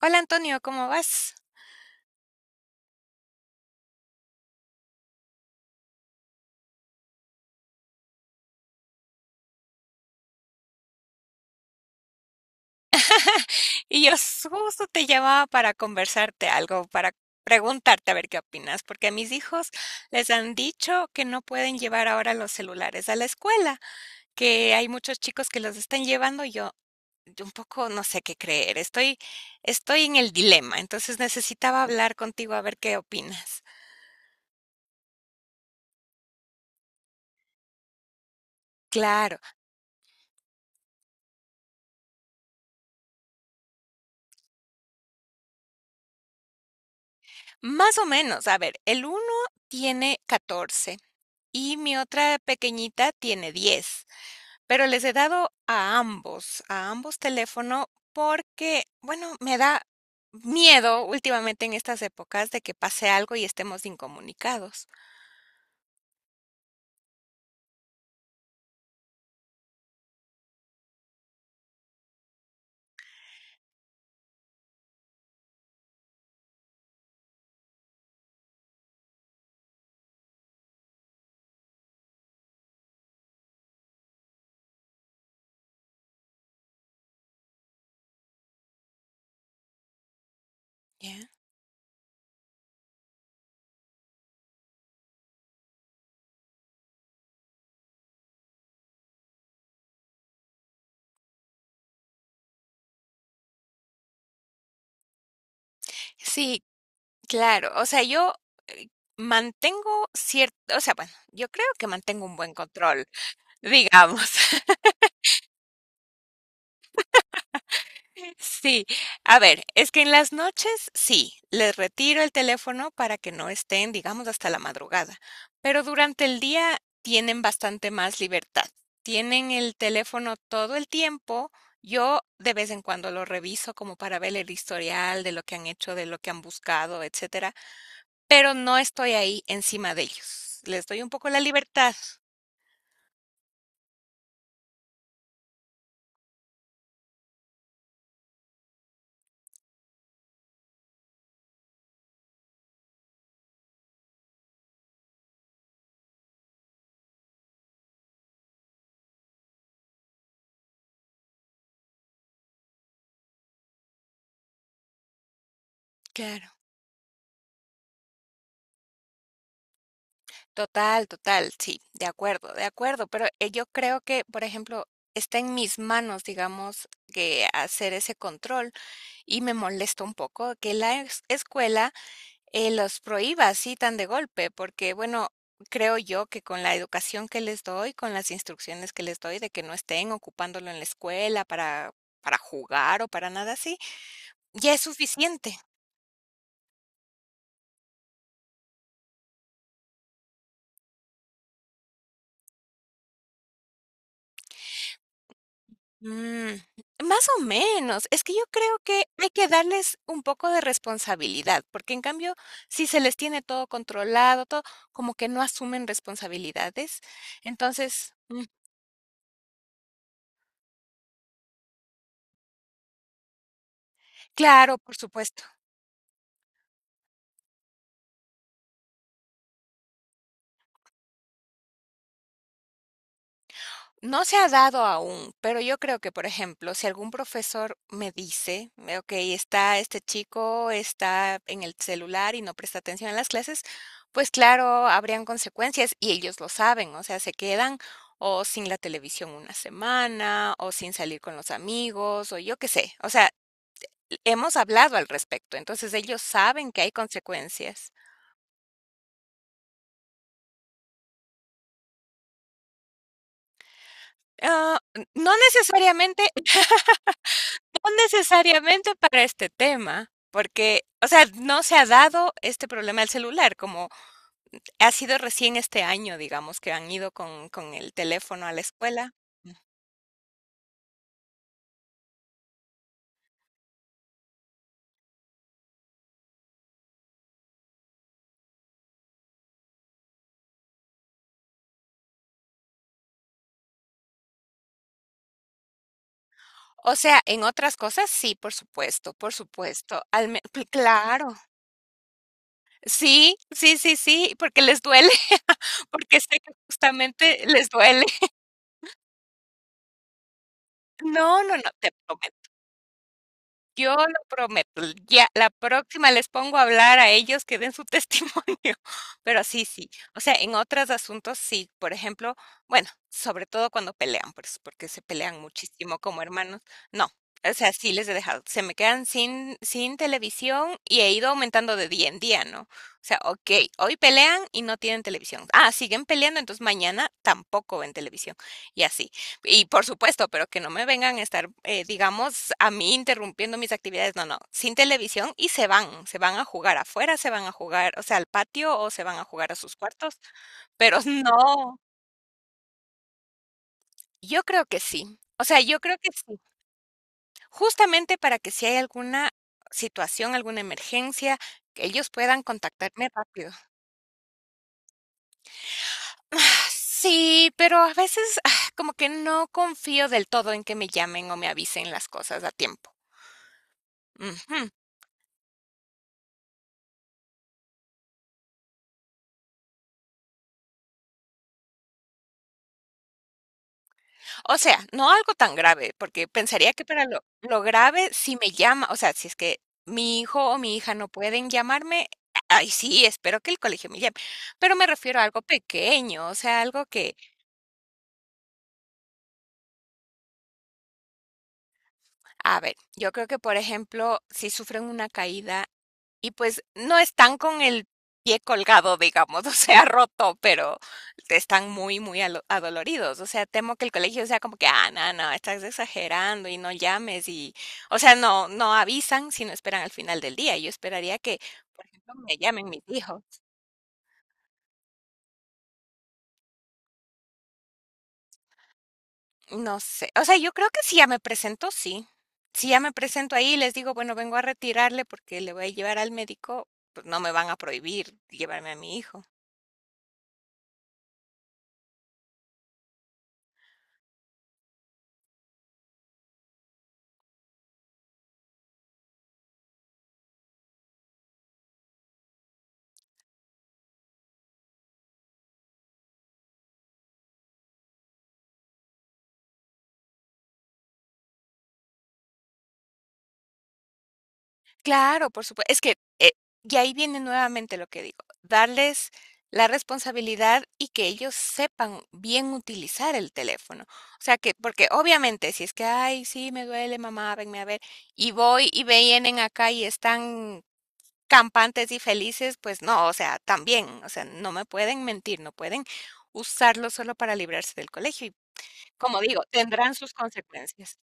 Hola Antonio, ¿cómo vas? Justo te llamaba para conversarte algo, para preguntarte a ver qué opinas, porque a mis hijos les han dicho que no pueden llevar ahora los celulares a la escuela, que hay muchos chicos que los están llevando y yo un poco no sé qué creer, estoy en el dilema, entonces necesitaba hablar contigo a ver qué opinas. Claro, más o menos, a ver, el uno tiene 14 y mi otra pequeñita tiene 10. Pero les he dado a ambos teléfono, porque, bueno, me da miedo últimamente en estas épocas de que pase algo y estemos incomunicados. Ya. Sí, claro. O sea, yo, eh, mantengo cierto o sea, bueno, yo creo que mantengo un buen control, digamos. Sí, a ver, es que en las noches sí, les retiro el teléfono para que no estén, digamos, hasta la madrugada, pero durante el día tienen bastante más libertad. Tienen el teléfono todo el tiempo. Yo de vez en cuando lo reviso como para ver el historial de lo que han hecho, de lo que han buscado, etcétera, pero no estoy ahí encima de ellos. Les doy un poco la libertad. Claro. Total, total, sí, de acuerdo, pero yo creo que, por ejemplo, está en mis manos, digamos, que hacer ese control y me molesta un poco que la escuela los prohíba así tan de golpe, porque bueno, creo yo que con la educación que les doy, con las instrucciones que les doy de que no estén ocupándolo en la escuela para jugar o para nada así, ya es suficiente. Mm, más o menos. Es que yo creo que hay que darles un poco de responsabilidad, porque en cambio, si se les tiene todo controlado, todo, como que no asumen responsabilidades. Entonces, claro, por supuesto. No se ha dado aún, pero yo creo que, por ejemplo, si algún profesor me dice, ok, está este chico, está en el celular y no presta atención a las clases, pues claro, habrían consecuencias y ellos lo saben, o sea, se quedan o sin la televisión una semana, o sin salir con los amigos, o yo qué sé, o sea, hemos hablado al respecto, entonces ellos saben que hay consecuencias. Ah, no necesariamente. No necesariamente para este tema, porque, o sea, no se ha dado este problema del celular, como ha sido recién este año, digamos, que han ido con el teléfono a la escuela. Mm. O sea, en otras cosas sí, por supuesto, por supuesto. Al claro. Sí, sí, sí, sí, porque les duele, porque sé que justamente les duele. No, no, no, te prometo. Yo lo prometo. Ya, la próxima les pongo a hablar a ellos que den su testimonio. Pero sí, sí. O sea, en otros asuntos sí. Por ejemplo, bueno, sobre todo cuando pelean, pues, porque se pelean muchísimo como hermanos. No. O sea, sí les he dejado. Se me quedan sin televisión y he ido aumentando de día en día, ¿no? O sea, ok, hoy pelean y no tienen televisión. Ah, siguen peleando, entonces mañana tampoco ven televisión. Y así. Y por supuesto, pero que no me vengan a estar, digamos, a mí interrumpiendo mis actividades. No, no, sin televisión y se van a jugar afuera, se van a jugar, o sea, al patio o se van a jugar a sus cuartos, pero no, yo creo que sí. O sea, yo creo que sí. Justamente para que si hay alguna situación, alguna emergencia, que ellos puedan contactarme rápido. Ah, sí, pero a veces como que no confío del todo en que me llamen o me avisen las cosas a tiempo. Ujú. O sea, no algo tan grave, porque pensaría que para lo grave, si me llama, o sea, si es que mi hijo o mi hija no pueden llamarme, ay, sí, espero que el colegio me llame, pero me refiero a algo pequeño, o sea, algo que, a ver, yo creo que, por ejemplo, si sufren una caída. Y pues no están con el pie colgado, digamos, o sea, roto, pero están muy, muy adoloridos. O sea, temo que el colegio sea como que, ah, no, no, estás exagerando y no llames y, o sea, no, no avisan, sino esperan al final del día. Yo esperaría que, por ejemplo, me llamen mis hijos. No sé, o sea, yo creo que si ya me presento, sí. Si ya me presento ahí y les digo, bueno, vengo a retirarle porque le voy a llevar al médico, pues no me van a prohibir llevarme a mi hijo. Claro, por supuesto. Es que, y ahí viene nuevamente lo que digo, darles la responsabilidad y que ellos sepan bien utilizar el teléfono. O sea que porque obviamente si es que: "Ay, sí, me duele, mamá, venme a ver", y voy y vienen acá y están campantes y felices, pues no, o sea, también, o sea, no me pueden mentir, no pueden usarlo solo para librarse del colegio y, como digo, tendrán sus consecuencias.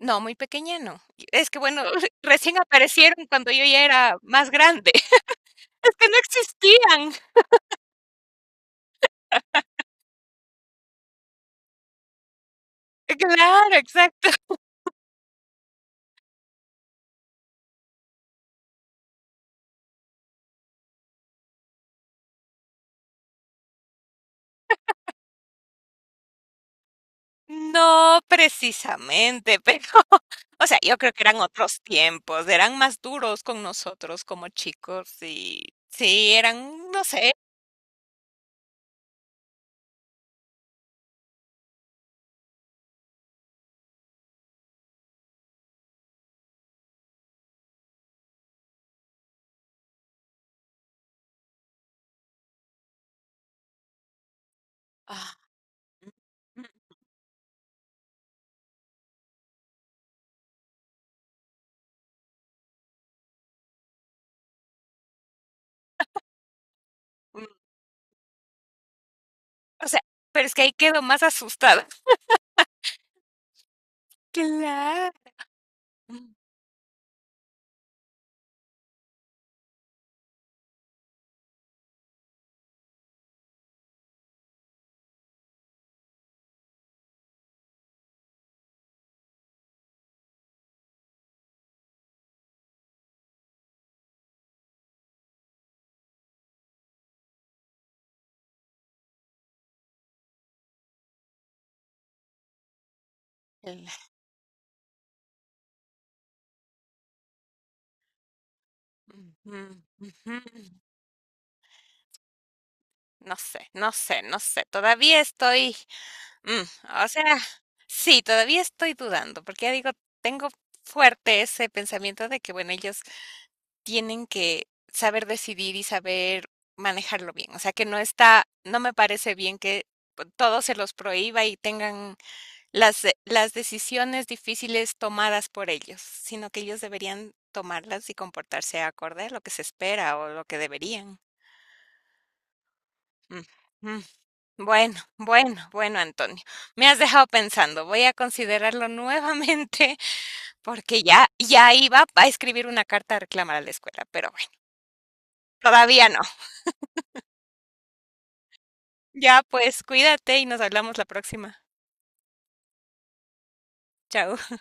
No, muy pequeña no. Y es que bueno, recién aparecieron cuando yo ya era más grande. Es que no existían. Claro, exacto. No precisamente, pero, o sea, yo creo que eran otros tiempos, eran más duros con nosotros como chicos y sí, eran, no sé. Ah, mm, mm, o sea, pero es que ahí quedo más asustada. Claro. Mm, cla- mm, ujú, ujú. No sé, no sé, no sé. Todavía estoy. Mm, o sea, sí, todavía estoy dudando, porque ya digo, tengo fuerte ese pensamiento de que, bueno, ellos tienen que saber decidir y saber manejarlo bien. O sea, que no está, no me parece bien que pues, todo se los prohíba y tengan las decisiones difíciles tomadas por ellos, sino que ellos deberían tomarlas y comportarse acorde a lo que se espera o lo que deberían. Mm, mm. Bueno, bueno, bueno, Antonio, me has dejado pensando. Voy a considerarlo nuevamente porque ya iba a escribir una carta a reclamar a la escuela, pero bueno, todavía no. Ya pues, cuídate y nos hablamos la próxima. Chao.